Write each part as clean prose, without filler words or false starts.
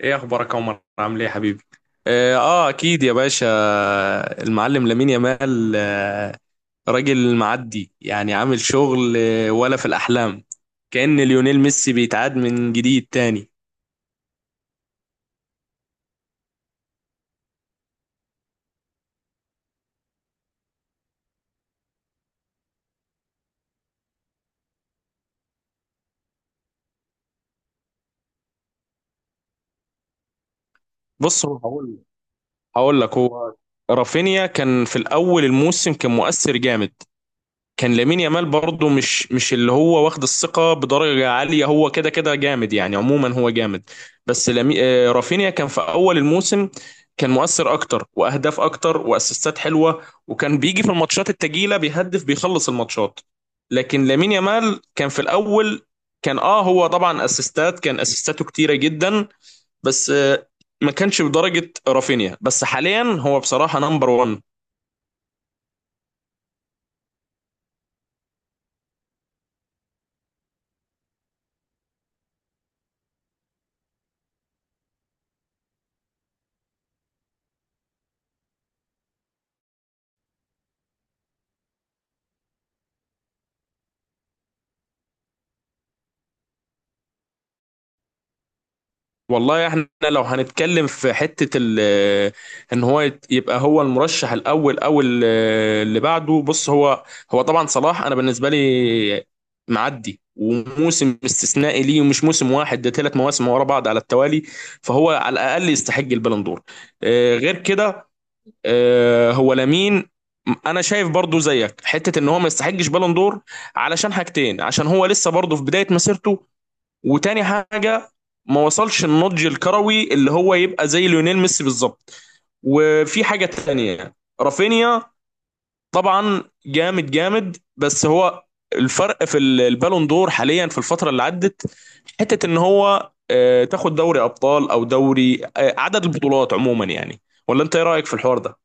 ايه اخبارك يا عمر؟ عامل ايه يا حبيبي؟ اكيد يا باشا. المعلم لامين يامال، راجل معدي يعني، عامل شغل ولا في الاحلام؟ كأن ليونيل ميسي بيتعاد من جديد تاني. بص، هو هقول لك. هو رافينيا كان في الاول الموسم، كان مؤثر جامد. كان لامين يامال برضه مش اللي هو واخد الثقه بدرجه عاليه، هو كده كده جامد يعني، عموما هو جامد. بس لامي... آه، رافينيا كان في اول الموسم، كان مؤثر اكتر واهداف اكتر واسيستات حلوه، وكان بيجي في الماتشات التقيله بيهدف بيخلص الماتشات. لكن لامين يامال كان في الاول، كان هو طبعا اسيستات، كان اسيستاته كتيره جدا، بس آه، ما كانش بدرجه رافينيا. بس حاليا هو بصراحه نمبر 1. والله احنا لو هنتكلم في حتة ال آه، ان هو يبقى هو المرشح الاول، او اللي بعده، بص هو، هو طبعا صلاح انا بالنسبة لي معدي، وموسم استثنائي ليه، ومش موسم واحد، ده ثلاث مواسم ورا بعض على التوالي، فهو على الاقل يستحق البالون دور. غير كده، هو لامين، انا شايف برضو زيك حتة ان هو ما يستحقش بالون دور علشان حاجتين: عشان هو لسه برضو في بداية مسيرته، وتاني حاجه ما وصلش النضج الكروي اللي هو يبقى زي ليونيل ميسي بالظبط. وفي حاجه تانيه، رافينيا طبعا جامد جامد، بس هو الفرق في البالون دور حاليا في الفتره اللي عدت، حته ان هو تاخد دوري ابطال، او دوري، عدد البطولات عموما يعني. ولا انت ايه رايك في الحوار ده؟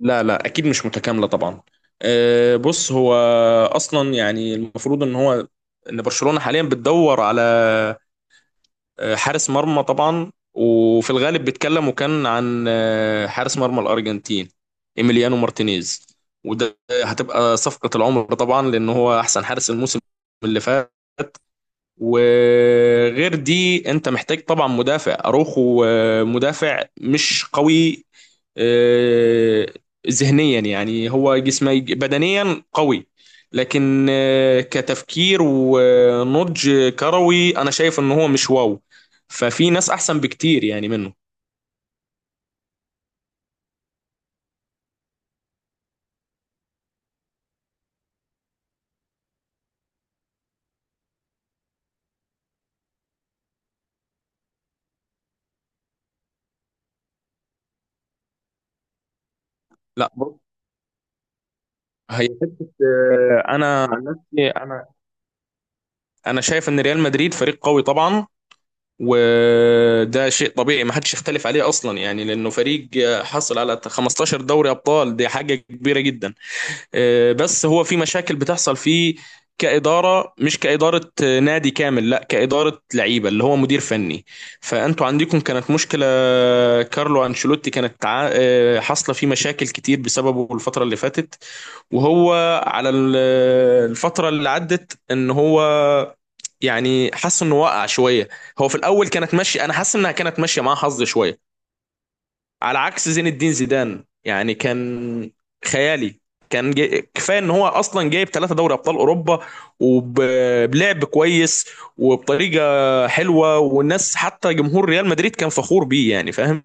لا لا، اكيد مش متكامله طبعا. بص، هو اصلا يعني المفروض ان هو، ان برشلونه حاليا بتدور على حارس مرمى طبعا، وفي الغالب بيتكلم وكان عن حارس مرمى الأرجنتين إيميليانو مارتينيز، وده هتبقى صفقة العمر طبعا، لأن هو أحسن حارس الموسم اللي فات. وغير دي، انت محتاج طبعا مدافع. اروخو مدافع مش قوي آه، ذهنيا، يعني هو جسمه بدنيا قوي، لكن كتفكير ونضج كروي انا شايف ان هو مش واو، ففي ناس احسن بكتير يعني منه. لا بص، هي حته انا عن نفسي، انا شايف ان ريال مدريد فريق قوي طبعا، وده شيء طبيعي ما حدش يختلف عليه اصلا يعني، لانه فريق حصل على 15 دوري ابطال، دي حاجه كبيره جدا. بس هو في مشاكل بتحصل فيه، كاداره، مش كاداره نادي كامل، لا كاداره لعيبه، اللي هو مدير فني. فانتوا عندكم كانت مشكله، كارلو انشيلوتي كانت حاصله فيه مشاكل كتير بسببه الفتره اللي فاتت. وهو على الفترة اللي عدت، ان هو يعني حس انه وقع شوية. هو في الاول كانت ماشية، انا حاسس انها كانت ماشية معاه حظ شوية، على عكس زين الدين زيدان يعني، كان خيالي. كان جاي كفاية ان هو اصلا جايب ثلاثة دوري ابطال اوروبا، وبلعب كويس وبطريقة حلوة، والناس حتى جمهور ريال مدريد كان فخور بيه يعني، فاهم.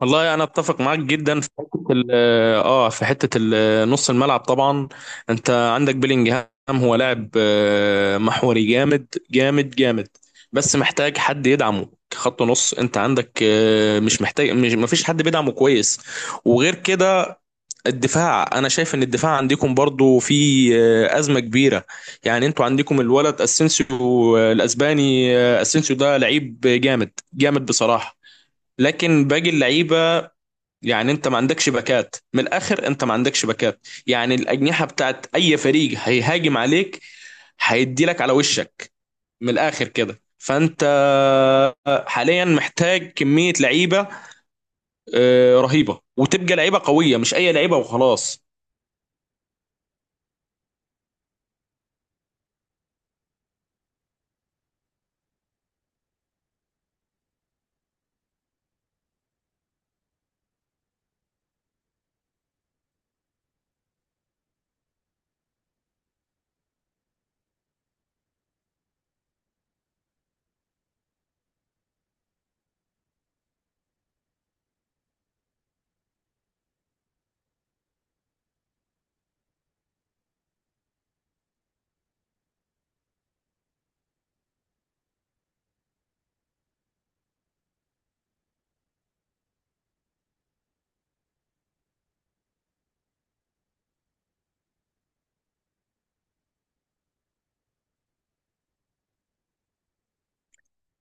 والله انا اتفق معاك جدا في حته في حته نص الملعب طبعا. انت عندك بيلينجهام هو لاعب محوري جامد جامد جامد، بس محتاج حد يدعمه كخط نص. انت عندك آه، مش محتاج مش مفيش حد بيدعمه كويس. وغير كده، الدفاع، انا شايف ان الدفاع عندكم برضو في ازمه كبيره. يعني انتوا عندكم الولد اسينسيو، الاسباني، اسينسيو ده لعيب جامد جامد بصراحه، لكن باقي اللعيبه يعني انت ما عندكش باكات. من الاخر انت ما عندكش باكات، يعني الاجنحه بتاعت اي فريق هيهاجم عليك هيدي لك على وشك من الاخر كده. فانت حاليا محتاج كميه لعيبه رهيبه، وتبقى لعيبه قويه مش اي لعيبه وخلاص.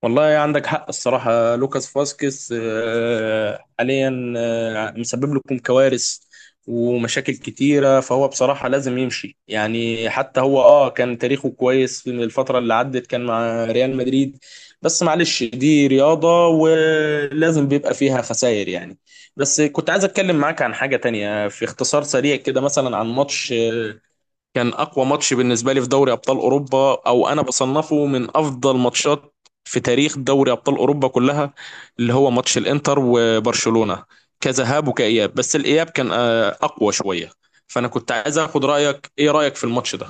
والله عندك حق. الصراحة لوكاس فاسكيز حاليا مسبب لكم كوارث ومشاكل كتيرة، فهو بصراحة لازم يمشي يعني. حتى هو كان تاريخه كويس في الفترة اللي عدت كان مع ريال مدريد، بس معلش، دي رياضة ولازم بيبقى فيها خسائر يعني. بس كنت عايز اتكلم معاك عن حاجة تانية في اختصار سريع كده، مثلا عن ماتش كان اقوى ماتش بالنسبه لي في دوري ابطال اوروبا، او انا بصنفه من افضل ماتشات في تاريخ دوري ابطال اوروبا كلها، اللي هو ماتش الانتر وبرشلونه، كذهاب وكاياب. بس الاياب كان اقوى شويه. فانا كنت عايز اخد رايك، ايه رايك في الماتش ده؟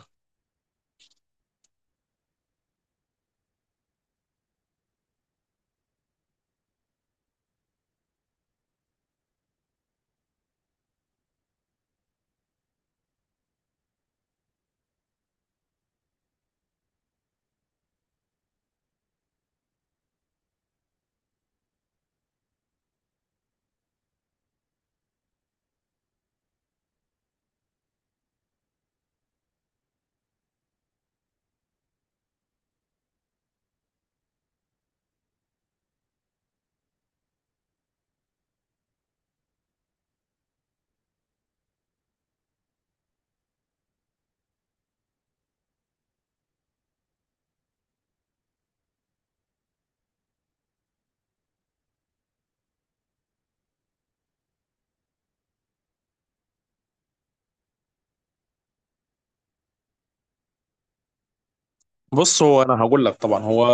بص، هو انا هقول لك طبعا، هو،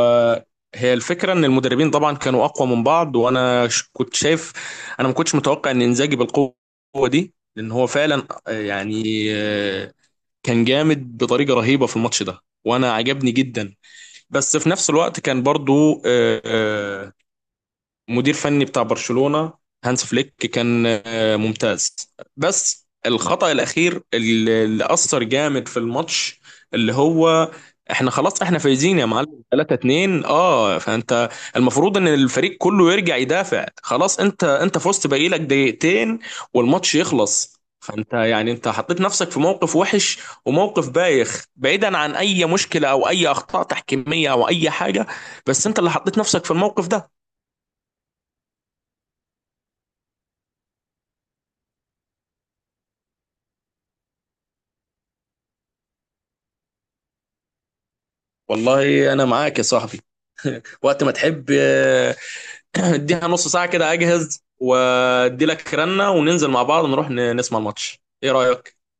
هي الفكره ان المدربين طبعا كانوا اقوى من بعض، وانا كنت شايف انا ما كنتش متوقع ان انزاجي بالقوه دي، لان هو فعلا يعني كان جامد بطريقه رهيبه في الماتش ده، وانا عجبني جدا. بس في نفس الوقت كان برضو مدير فني بتاع برشلونة هانس فليك كان ممتاز. بس الخطأ الأخير، اللي أثر جامد في الماتش، اللي هو احنا خلاص، احنا فايزين يا معلم 3-2، اه فانت المفروض ان الفريق كله يرجع يدافع خلاص، انت فزت، باقي لك دقيقتين والماتش يخلص. فانت يعني انت حطيت نفسك في موقف وحش، وموقف بايخ بعيدا عن اي مشكلة او اي اخطاء تحكيمية او اي حاجة. بس انت اللي حطيت نفسك في الموقف ده. والله انا معاك يا صاحبي، وقت ما تحب. اديها نص ساعة كده، اجهز وادي لك رنة، وننزل مع بعض نروح نسمع الماتش. ايه رأيك؟